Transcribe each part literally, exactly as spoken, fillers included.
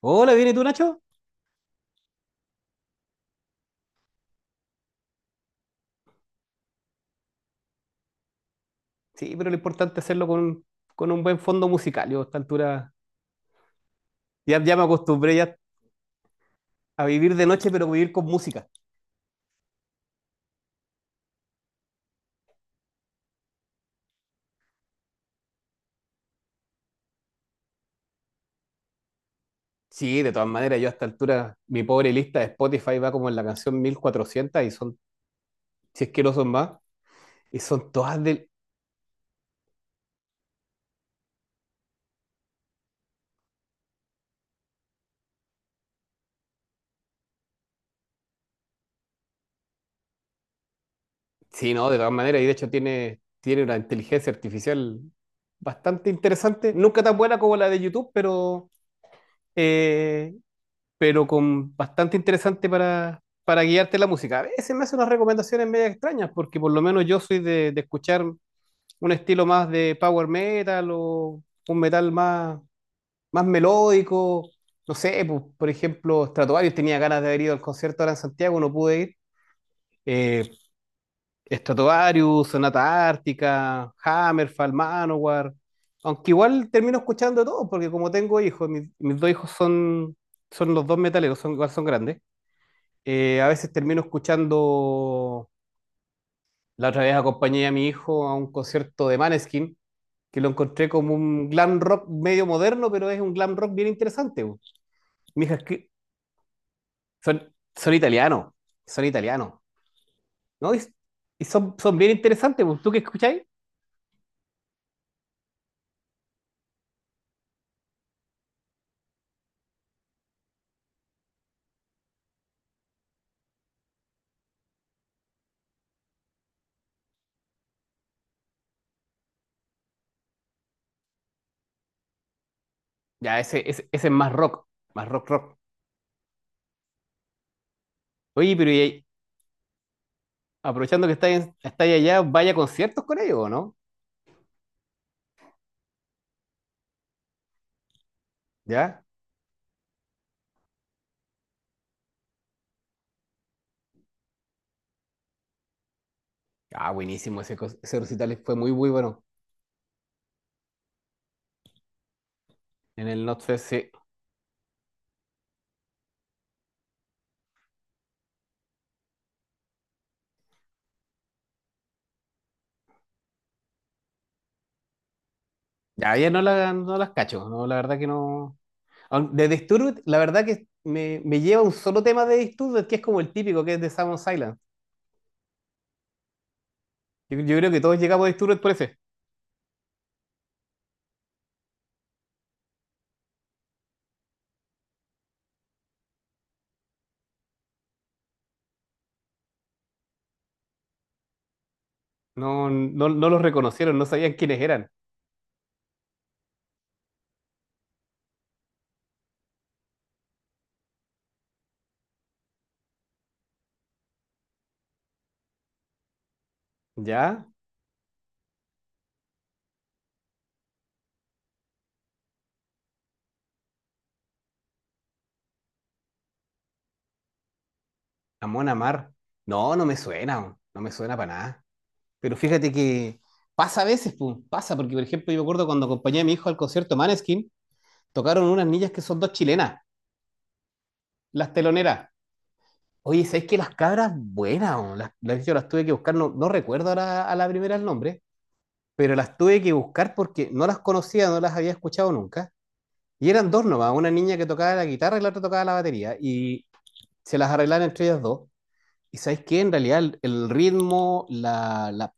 Hola, ¿viene tú, Nacho? Sí, pero lo importante es hacerlo con, con un buen fondo musical. Yo a esta altura ya, ya me acostumbré ya a vivir de noche, pero vivir con música. Sí, de todas maneras, yo a esta altura, mi pobre lista de Spotify va como en la canción mil cuatrocientos y son, si es que no son más, y son todas del... Sí, no, de todas maneras, y de hecho tiene, tiene una inteligencia artificial bastante interesante, nunca tan buena como la de YouTube, pero eh, pero con bastante interesante para, para guiarte la música. A veces me hace unas recomendaciones medio extrañas, porque por lo menos yo soy de, de escuchar un estilo más de power metal o un metal más, más melódico. No sé, pues, por ejemplo, Stratovarius tenía ganas de haber ido al concierto ahora en Santiago, no pude ir. Eh, Stratovarius, Sonata Ártica, Hammerfall, Manowar. Aunque igual termino escuchando de todo, porque como tengo hijos, mis, mis dos hijos son, son los dos metaleros, son, igual son grandes. Eh, a veces termino escuchando, la otra vez acompañé a mi hijo a un concierto de Maneskin, que lo encontré como un glam rock medio moderno, pero es un glam rock bien interesante. Bu. Mi hija, es que son, son italianos, son italianos, ¿no? Y, y son, son bien interesantes. Bu. ¿Tú qué escucháis? Ya, ese, ese, ese es más rock, más rock, rock. Oye, pero y ahí, aprovechando que estáis estáis allá, vaya a conciertos con ellos, ¿o no? ¿Ya? Ah, buenísimo, ese, cos- ese recital fue muy, muy bueno. En el Notfest, sí. Ya, ya no, la, no las cacho, no, la verdad que no. Aun- De Disturbed, la verdad que me, me lleva un solo tema de Disturbed, que es como el típico, que es de Samus Island. Yo, yo creo que todos llegamos a Disturbed por ese. No, no, no los reconocieron, no sabían quiénes eran. ¿Ya? Amon Amar. No, no me suena, weón, no me suena para nada. Pero fíjate que pasa a veces, pum, pasa, porque por ejemplo yo me acuerdo cuando acompañé a mi hijo al concierto Maneskin, tocaron unas niñas que son dos chilenas, las teloneras. Oye, ¿sabes que las cabras buenas? Weón, Las, las, de hecho, las tuve que buscar, no, no recuerdo ahora a la primera el nombre, pero las tuve que buscar porque no las conocía, no las había escuchado nunca. Y eran dos nomás, una niña que tocaba la guitarra y la otra tocaba la batería. Y se las arreglaron entre ellas dos. Y ¿sabes qué? En realidad el, el ritmo, la, la,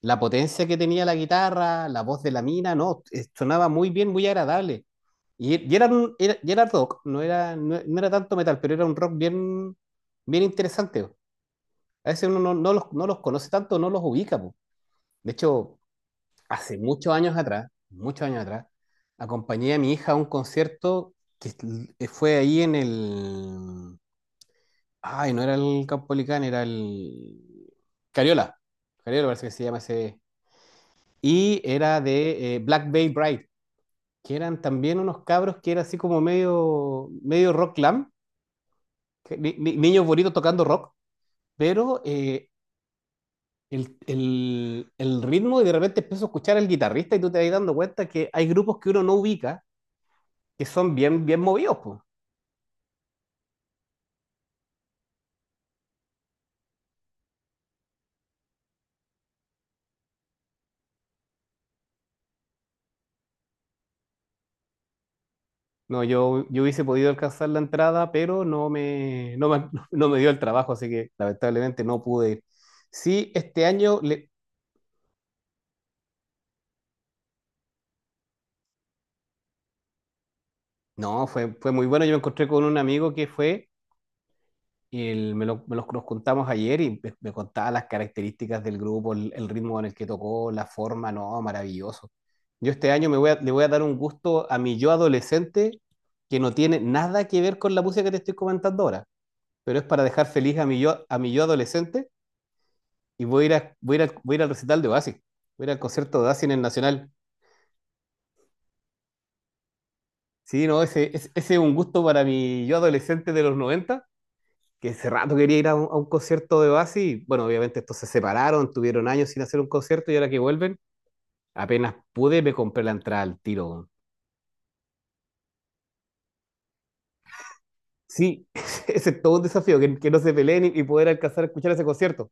la potencia que tenía la guitarra, la voz de la mina, no, eh, sonaba muy bien, muy agradable. Y, y era, un- era, y era rock, no era, no, no era tanto metal, pero era un rock bien, bien interesante. A veces uno no, no los, no los conoce tanto, no los ubica, po. De hecho, hace muchos años atrás, muchos años atrás, acompañé a mi hija a un concierto que es- eh, fue ahí en el... Ay, no era el Caupolicán, era el... Cariola. Cariola parece que se llama ese... Y era de eh, Black Bay Bride, que eran también unos cabros que era así como medio, medio rock glam, que- ni- ni- niños bonitos tocando rock, pero eh, el, el- el ritmo y de repente empiezo a escuchar al guitarrista y tú te vas dando cuenta que hay grupos que uno no ubica que son bien, bien movidos, pues. No, yo, yo hubiese podido alcanzar la entrada, pero no me, no me, no me dio el trabajo, así que lamentablemente no pude ir. Sí, este año, le- no, fue, fue muy bueno. Yo me encontré con un amigo que fue. Y el- me lo- me los, nos contamos ayer y me, me contaba las características del grupo, el, el ritmo con el que tocó, la forma, no, maravilloso. Yo este año me voy a- le voy a dar un gusto a mi yo adolescente que no tiene nada que ver con la música que te estoy comentando ahora, pero es para dejar feliz a mi yo, a mi yo adolescente y voy a ir, a- voy a ir al, voy a ir al recital de Oasis, voy a ir al concierto de Oasis en el Nacional. Sí, no, ese, ese ese es un gusto para mi yo adolescente de los noventa que hace rato quería ir a un, a un concierto de Oasis. Y, bueno, obviamente estos se separaron, tuvieron años sin hacer un concierto y ahora que vuelven, apenas pude, me compré la entrada al tiro, weón. Sí, ese es todo un desafío, que, que no se peleen y, y poder alcanzar a escuchar ese concierto.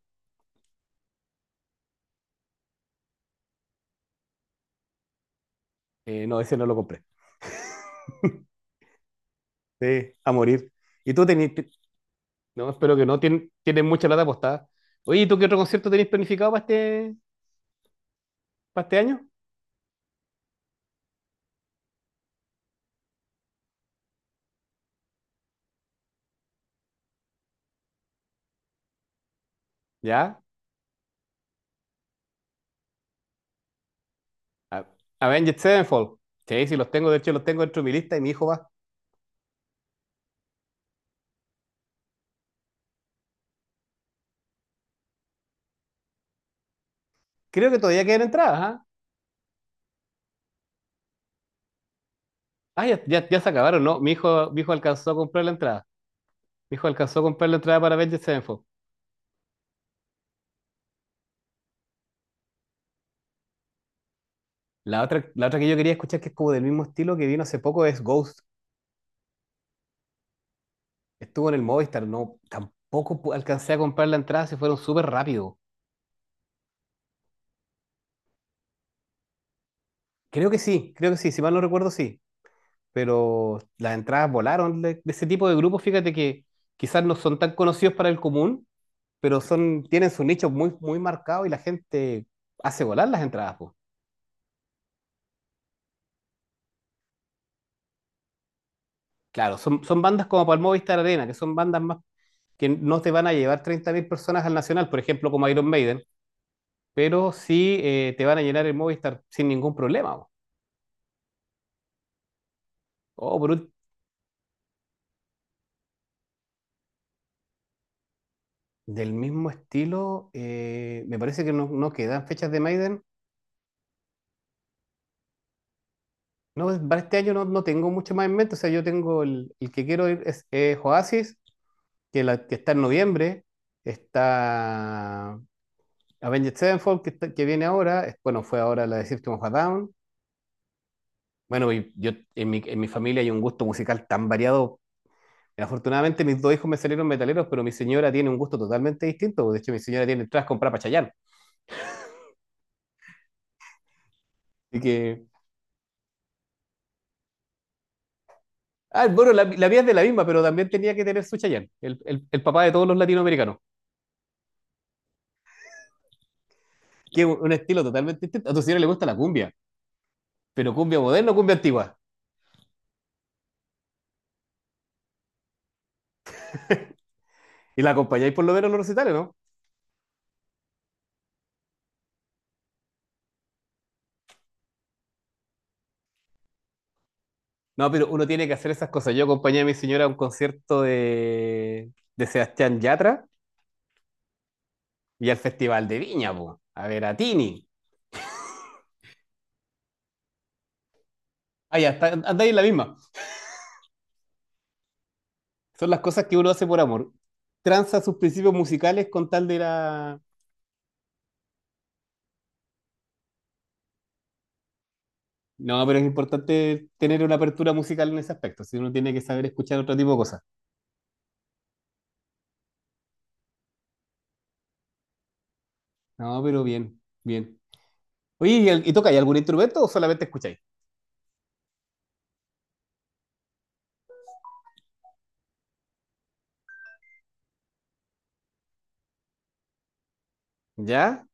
Eh, no, ese no lo compré. Sí, a morir. ¿Y tú tenés, te- no, espero que no, tien- tienes mucha plata apostada. Oye, ¿y tú qué otro concierto tenéis planificado para este, para este año? ¿Ya? A- Avenged Sevenfold. Sí, sí, los tengo, de hecho los tengo dentro de mi lista y mi hijo va. Creo que todavía quedan entradas, ¿ah? Ah, ya, ya, ya se acabaron, ¿no? Mi hijo, mi hijo alcanzó a comprar la entrada. Mi hijo alcanzó a comprar la entrada para Avengers Sevenfold. La otra, la otra que yo quería escuchar, que es como del mismo estilo que vino hace poco, es Ghost. Estuvo en el Movistar, no, tampoco pu- alcancé a comprar la entrada, se fueron súper rápido. Creo que sí, creo que sí, si mal no recuerdo, sí. Pero las entradas volaron de, de ese tipo de grupos, fíjate que quizás no son tan conocidos para el común, pero son, tienen su nicho muy, muy marcado y la gente hace volar las entradas, pues. Claro, son, son bandas como para el Movistar Arena, que son bandas más que no te van a llevar treinta mil personas al Nacional, por ejemplo, como Iron Maiden, pero sí eh, te van a llenar el Movistar sin ningún problema, po. O por un- del mismo estilo, eh, me parece que no, no quedan fechas de Maiden. No, es- para este año no, no tengo mucho más en mente. O sea, yo tengo el, el que quiero ir es eh, Oasis, que, la, que está en noviembre. Está Avenged Sevenfold, que, está- que viene ahora. es- Bueno, fue ahora la de System of a Down. Bueno, y yo en mi, en mi familia hay un gusto musical tan variado. Afortunadamente mis dos hijos me salieron metaleros, pero mi señora tiene un gusto totalmente distinto. De hecho, mi señora tiene entradas compradas para Chayanne. Así que, ah, bueno, la, la mía es de la misma, pero también tenía que tener su Chayanne, el, el, el papá de todos los latinoamericanos, que es un, un estilo totalmente distinto. A tu señora le gusta la cumbia, pero cumbia moderna o cumbia antigua. Y la acompañáis por lo menos en los recitales, ¿no? No, pero uno tiene que hacer esas cosas. Yo acompañé a mi señora a un concierto de, de Sebastián Yatra y al Festival de Viña, po, a ver a Tini. Ah, ya, está, anda ahí en la misma. Son las cosas que uno hace por amor. Tranza sus principios musicales con tal de la. No, pero es importante tener una apertura musical en ese aspecto. Si uno tiene que saber escuchar otro tipo de cosas. No, pero bien, bien. Oye, ¿y, el- y tocáis algún instrumento o solamente escucháis? ¿Ya?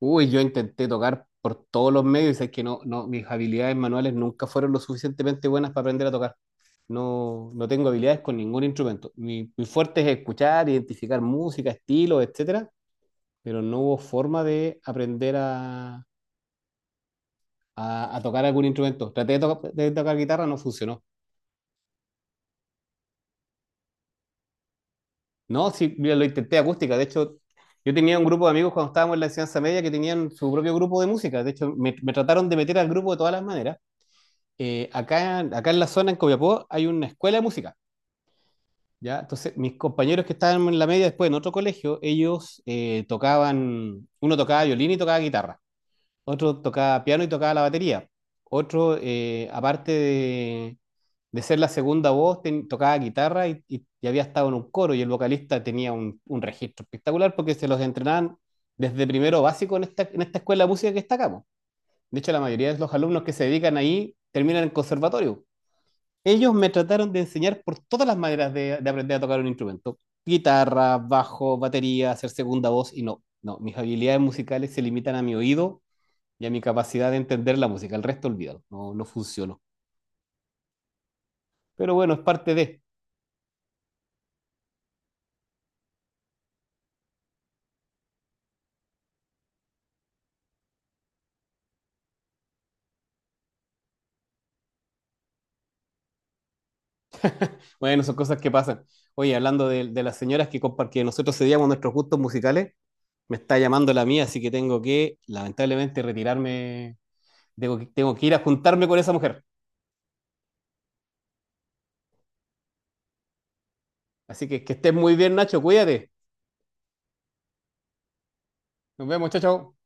Uy, yo intenté tocar por todos los medios y sé que no, no, mis habilidades manuales nunca fueron lo suficientemente buenas para aprender a tocar. No, no tengo habilidades con ningún instrumento. Mi, mi fuerte es escuchar, identificar música, estilos, etcétera, pero no hubo forma de aprender a, a- a tocar algún instrumento. Traté de, toca- de tocar guitarra, no funcionó. No, sí, mira, lo intenté acústica. De hecho, yo tenía un grupo de amigos cuando estábamos en la enseñanza media que tenían su propio grupo de música. De hecho, me, me trataron de meter al grupo de todas las maneras. Eh, acá, acá en la zona, en Copiapó, hay una escuela de música. ¿Ya? Entonces, mis compañeros que estaban en la media después en otro colegio, ellos eh, tocaban, uno tocaba violín y tocaba guitarra. Otro tocaba piano y tocaba la batería. Otro, eh, aparte de, de ser la segunda voz, ten- tocaba guitarra y, y- y había estado en un coro. Y el vocalista tenía un, un registro espectacular porque se los entrenaban desde primero básico en esta, en esta escuela de música que está acá, po. De hecho, la mayoría de los alumnos que se dedican ahí terminan en conservatorio. Ellos me trataron de enseñar por todas las maneras de, de aprender a tocar un instrumento. Guitarra, bajo, batería, hacer segunda voz y no, no, mis habilidades musicales se limitan a mi oído y a mi capacidad de entender la música. El resto olvídalo, no, no funcionó. Pero bueno, es parte de. Bueno, son cosas que pasan. Oye, hablando de, de las señoras que, compa- que nosotros cedíamos nuestros gustos musicales, me está llamando la mía, así que tengo que, lamentablemente, retirarme. Tengo que, tengo que ir a juntarme con esa mujer. Así que que estés muy bien, Nacho, cuídate. Nos vemos, chao, chao.